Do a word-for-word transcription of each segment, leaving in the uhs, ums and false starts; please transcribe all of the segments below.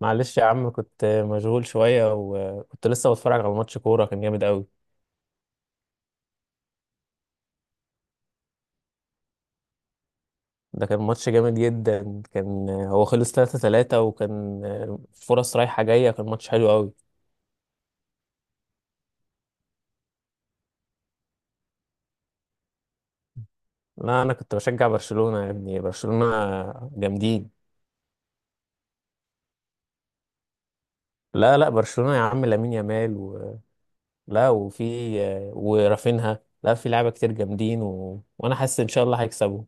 معلش يا عم، كنت مشغول شوية وكنت لسه بتفرج على ماتش كورة، كان جامد قوي. ده كان ماتش جامد جدا. كان هو خلص ثلاثة ثلاثة وكان فرص رايحة جاية، كان ماتش حلو قوي. لا أنا كنت بشجع برشلونة يا ابني، برشلونة جامدين. لا لا برشلونة يا عم، لامين يامال و... لا وفي ورافينها، لا في لعيبة كتير جامدين و... وأنا حاسس إن شاء الله هيكسبوا.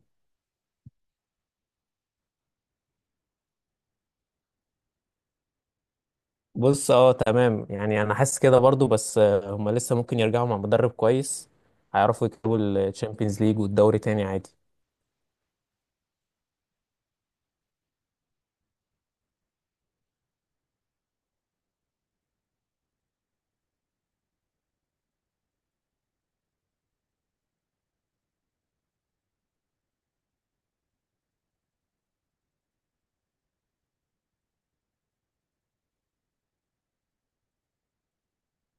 بص، اه تمام، يعني انا حاسس كده برضو، بس آه، هما لسه ممكن يرجعوا مع مدرب كويس. هيعرفوا يكسبوا الشامبيونز ليج والدوري تاني عادي.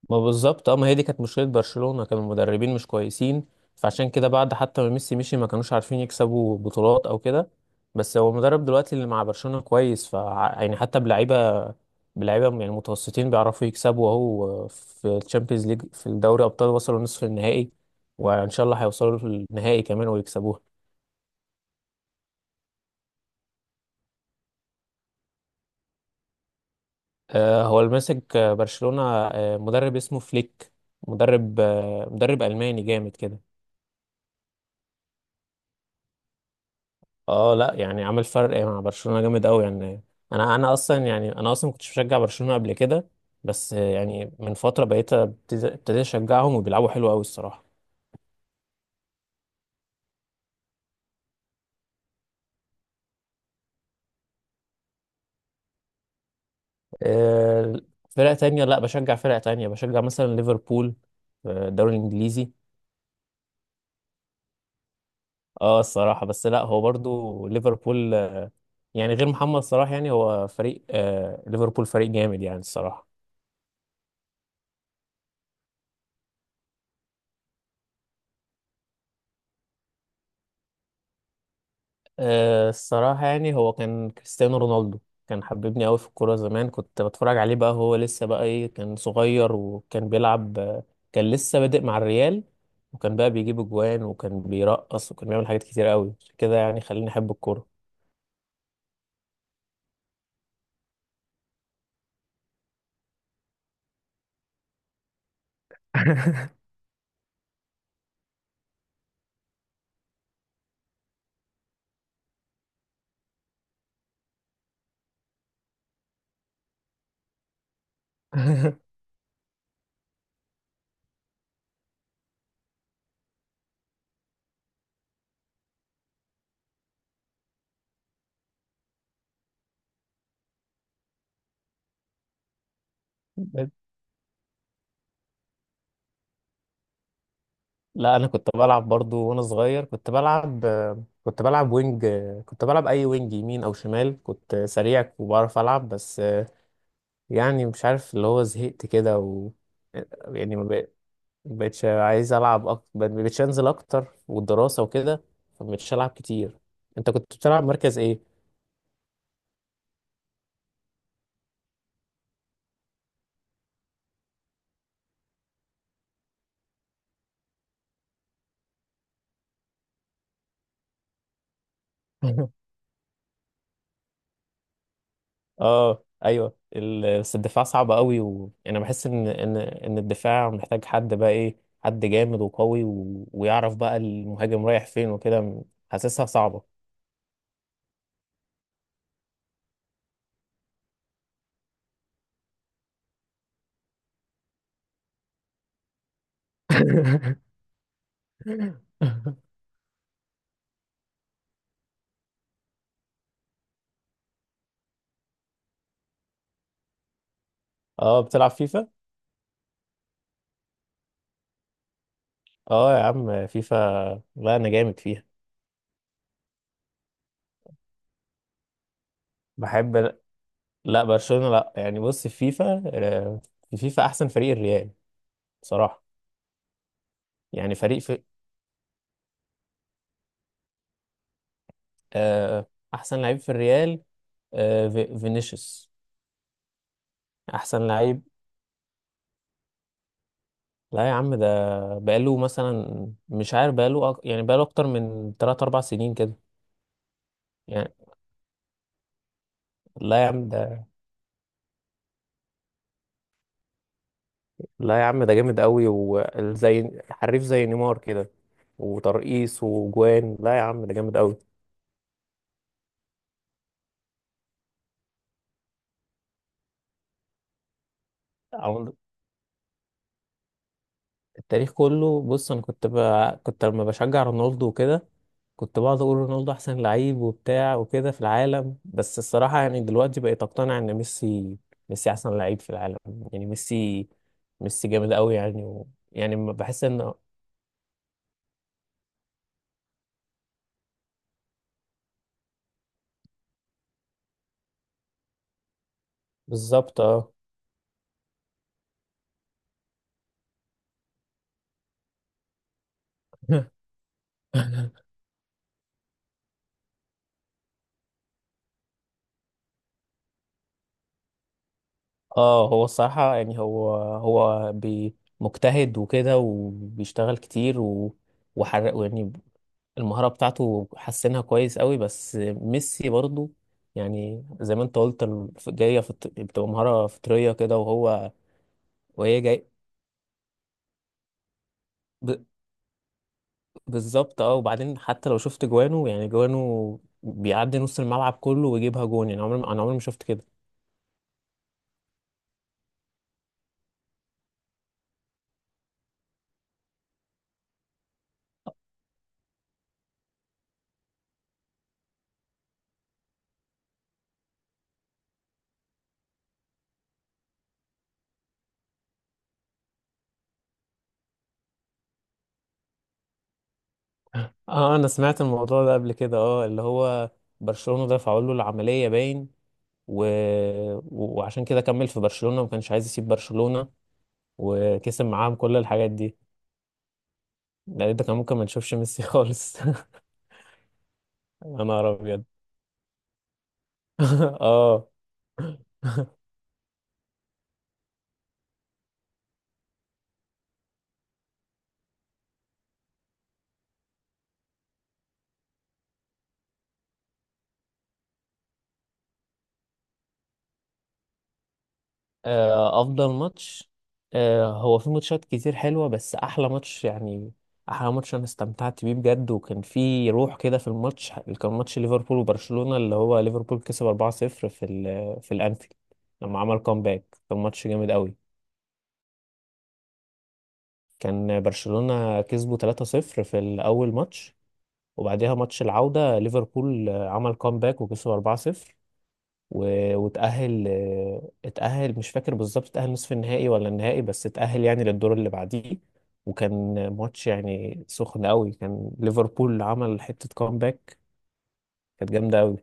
ما بالظبط اه، ما هي دي كانت مشكلة برشلونة، كانوا المدربين مش كويسين. فعشان كده بعد حتى ما ميسي مشي ما كانوش عارفين يكسبوا بطولات او كده. بس هو المدرب دلوقتي اللي مع برشلونة كويس، ف يعني حتى بلعيبة بلعيبة يعني متوسطين بيعرفوا يكسبوا. اهو في الشامبيونز ليج، في الدوري ابطال وصلوا نصف النهائي، وان شاء الله هيوصلوا للنهائي كمان ويكسبوها. آه، هو اللي ماسك آه، برشلونة آه، مدرب اسمه فليك. مدرب آه، مدرب ألماني جامد كده. اه، لا يعني عمل فرق مع برشلونة جامد قوي يعني. انا انا اصلا يعني انا اصلا ما كنتش بشجع برشلونة قبل كده، بس آه، يعني من فترة بقيت ابتز- ابتديت اشجعهم وبيلعبوا حلو قوي الصراحة. آه، فرق تانية؟ لا بشجع فرق تانية، بشجع مثلا ليفربول في الدوري الانجليزي. اه الصراحة، بس لا هو برضو ليفربول آه، يعني غير محمد صلاح يعني هو فريق آه، ليفربول فريق جامد يعني الصراحة. أه الصراحة يعني هو كان كريستيانو رونالدو. كان حببني أوي في الكورة زمان، كنت بتفرج عليه. بقى هو لسه بقى إيه، كان صغير وكان بيلعب آه، كان لسه بادئ مع الريال، وكان بقى بيجيب أجوان وكان بيرقص وكان بيعمل حاجات كتير أوي، عشان كده يعني خليني أحب الكورة. بس- لا أنا كنت بلعب برضو وأنا صغير. كنت بلعب آه، كنت بلعب وينج، آه، كنت بلعب أي وينج، يمين أو شمال، كنت سريع وبعرف ألعب. بس يعني مش عارف اللي هو زهقت كده و يعني ما بق- ما بقتش عايز العب اكتر، ما بقتش انزل اكتر، والدراسه وكده، فما بقتش العب كتير. انت كنت بتلعب مركز ايه؟ اه ايوه ال- بس الدفاع صعب قوي، وانا بحس ان ان ان الدفاع محتاج حد بقى ايه، حد جامد وقوي و... ويعرف بقى المهاجم رايح فين وكده. حاسسها صعبه. اه بتلعب فيفا؟ اه يا عم فيفا، لا انا جامد فيها. بحب، لا برشلونة لا، يعني بص في فيفا، آه، في فيفا احسن فريق الريال بصراحة. يعني فريق في آه، احسن لعيب في الريال آه، في- فينيسيوس، احسن لعيب. لا يا عم ده بقاله، مثلا مش عارف بقاله أك- يعني بقاله اكتر من ثلاثة أربعة سنين كده يعني. لا يا عم ده لا يا عم ده جامد قوي، وزي حريف زي نيمار كده، وترقيص وجوان، لا يا عم ده جامد قوي. عمل- التاريخ كله، بص انا كنت ب... كنت لما بشجع رونالدو وكده كنت بقعد اقول رونالدو احسن لعيب وبتاع وكده في العالم. بس الصراحه يعني دلوقتي بقيت اقتنع ان ميسي، ميسي احسن لعيب في العالم. يعني ميسي، ميسي جامد قوي يعني، و... يعني ما بحس ان. بالظبط اه. اه هو الصراحه يعني هو هو بي مجتهد وكده وبيشتغل كتير و... وحرق يعني، المهاره بتاعته حسنها كويس قوي. بس ميسي برضو يعني زي ما انت قلت ال- جايه في الط- بتبقى مهاره فطريه كده، وهو وهي جاي. ب... بالظبط اه. وبعدين حتى لو شفت جوانه، يعني جوانه بيعدي نص الملعب كله ويجيبها جون، يعني عمري ما- انا عمري ما شفت كده. اه انا سمعت الموضوع ده قبل كده، اه اللي هو برشلونة دفعوا له العملية باين، و... و- وعشان كده كمل في برشلونة وما كانش عايز يسيب برشلونة، وكسب معاهم كل الحاجات دي. ده ده كان ممكن ما نشوفش ميسي خالص. يا نهار ابيض. اه. آه، افضل ماتش؟ آه، هو في ماتشات كتير حلوه، بس احلى ماتش يعني، احلى ماتش انا استمتعت بيه بجد وكان في روح كده في الماتش، كان ماتش ليفربول وبرشلونه، اللي هو ليفربول كسب أربعة صفر في ال في الانفيلد لما عمل كومباك. كان ماتش جامد قوي. كان برشلونه كسبوا تلاتة صفر في الاول ماتش، وبعدها ماتش العوده ليفربول آه، عمل كومباك وكسبوا أربعة صفر، و- وتأهل آه، اتأهل، مش فاكر بالظبط اتأهل نصف النهائي ولا النهائي، بس اتأهل يعني للدور اللي بعديه. وكان ماتش يعني سخن قوي، كان ليفربول عمل حتة كومباك كانت جامدة قوي.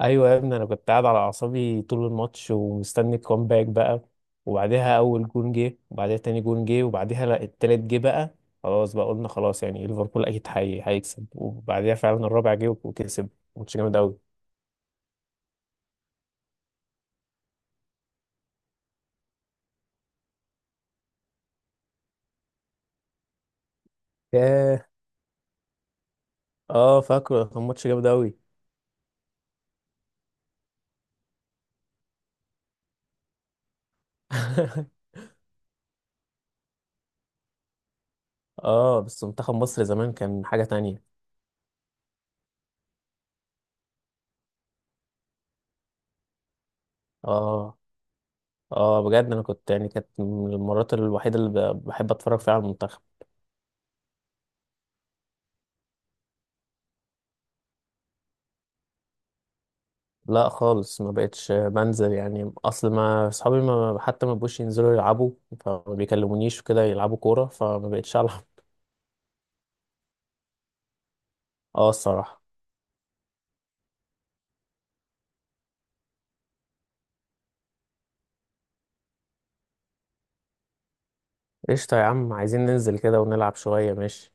ايوه يا ابني، انا كنت قاعد على اعصابي طول الماتش ومستني الكومباك بقى. وبعدها اول جون جه، وبعدها تاني جون جه، وبعدها لا التالت جه بقى، خلاص بقى قلنا خلاص يعني ليفربول اكيد هي- هيكسب، وبعدها فعلا الرابع جه وكسب. ماتش جامد قوي. ياه. اه فاكره، كان ماتش جامد قوي. اه بس منتخب مصر زمان كان حاجة تانية. اه. اه بجد انا كنت يعني كانت من المرات الوحيدة اللي ب- بحب اتفرج فيها على المنتخب. لا خالص ما بقتش بنزل، يعني اصل ما اصحابي ما حتى ما بقوش ينزلوا يلعبوا، فما بيكلمونيش وكده يلعبوا كورة، فما بقتش العب. اه الصراحة. قشطة يا عم، عايزين ننزل كده ونلعب شوية ماشي.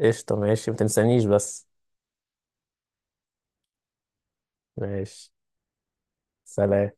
قشطة ماشي، ما تنسانيش بس. ماشي. سلام.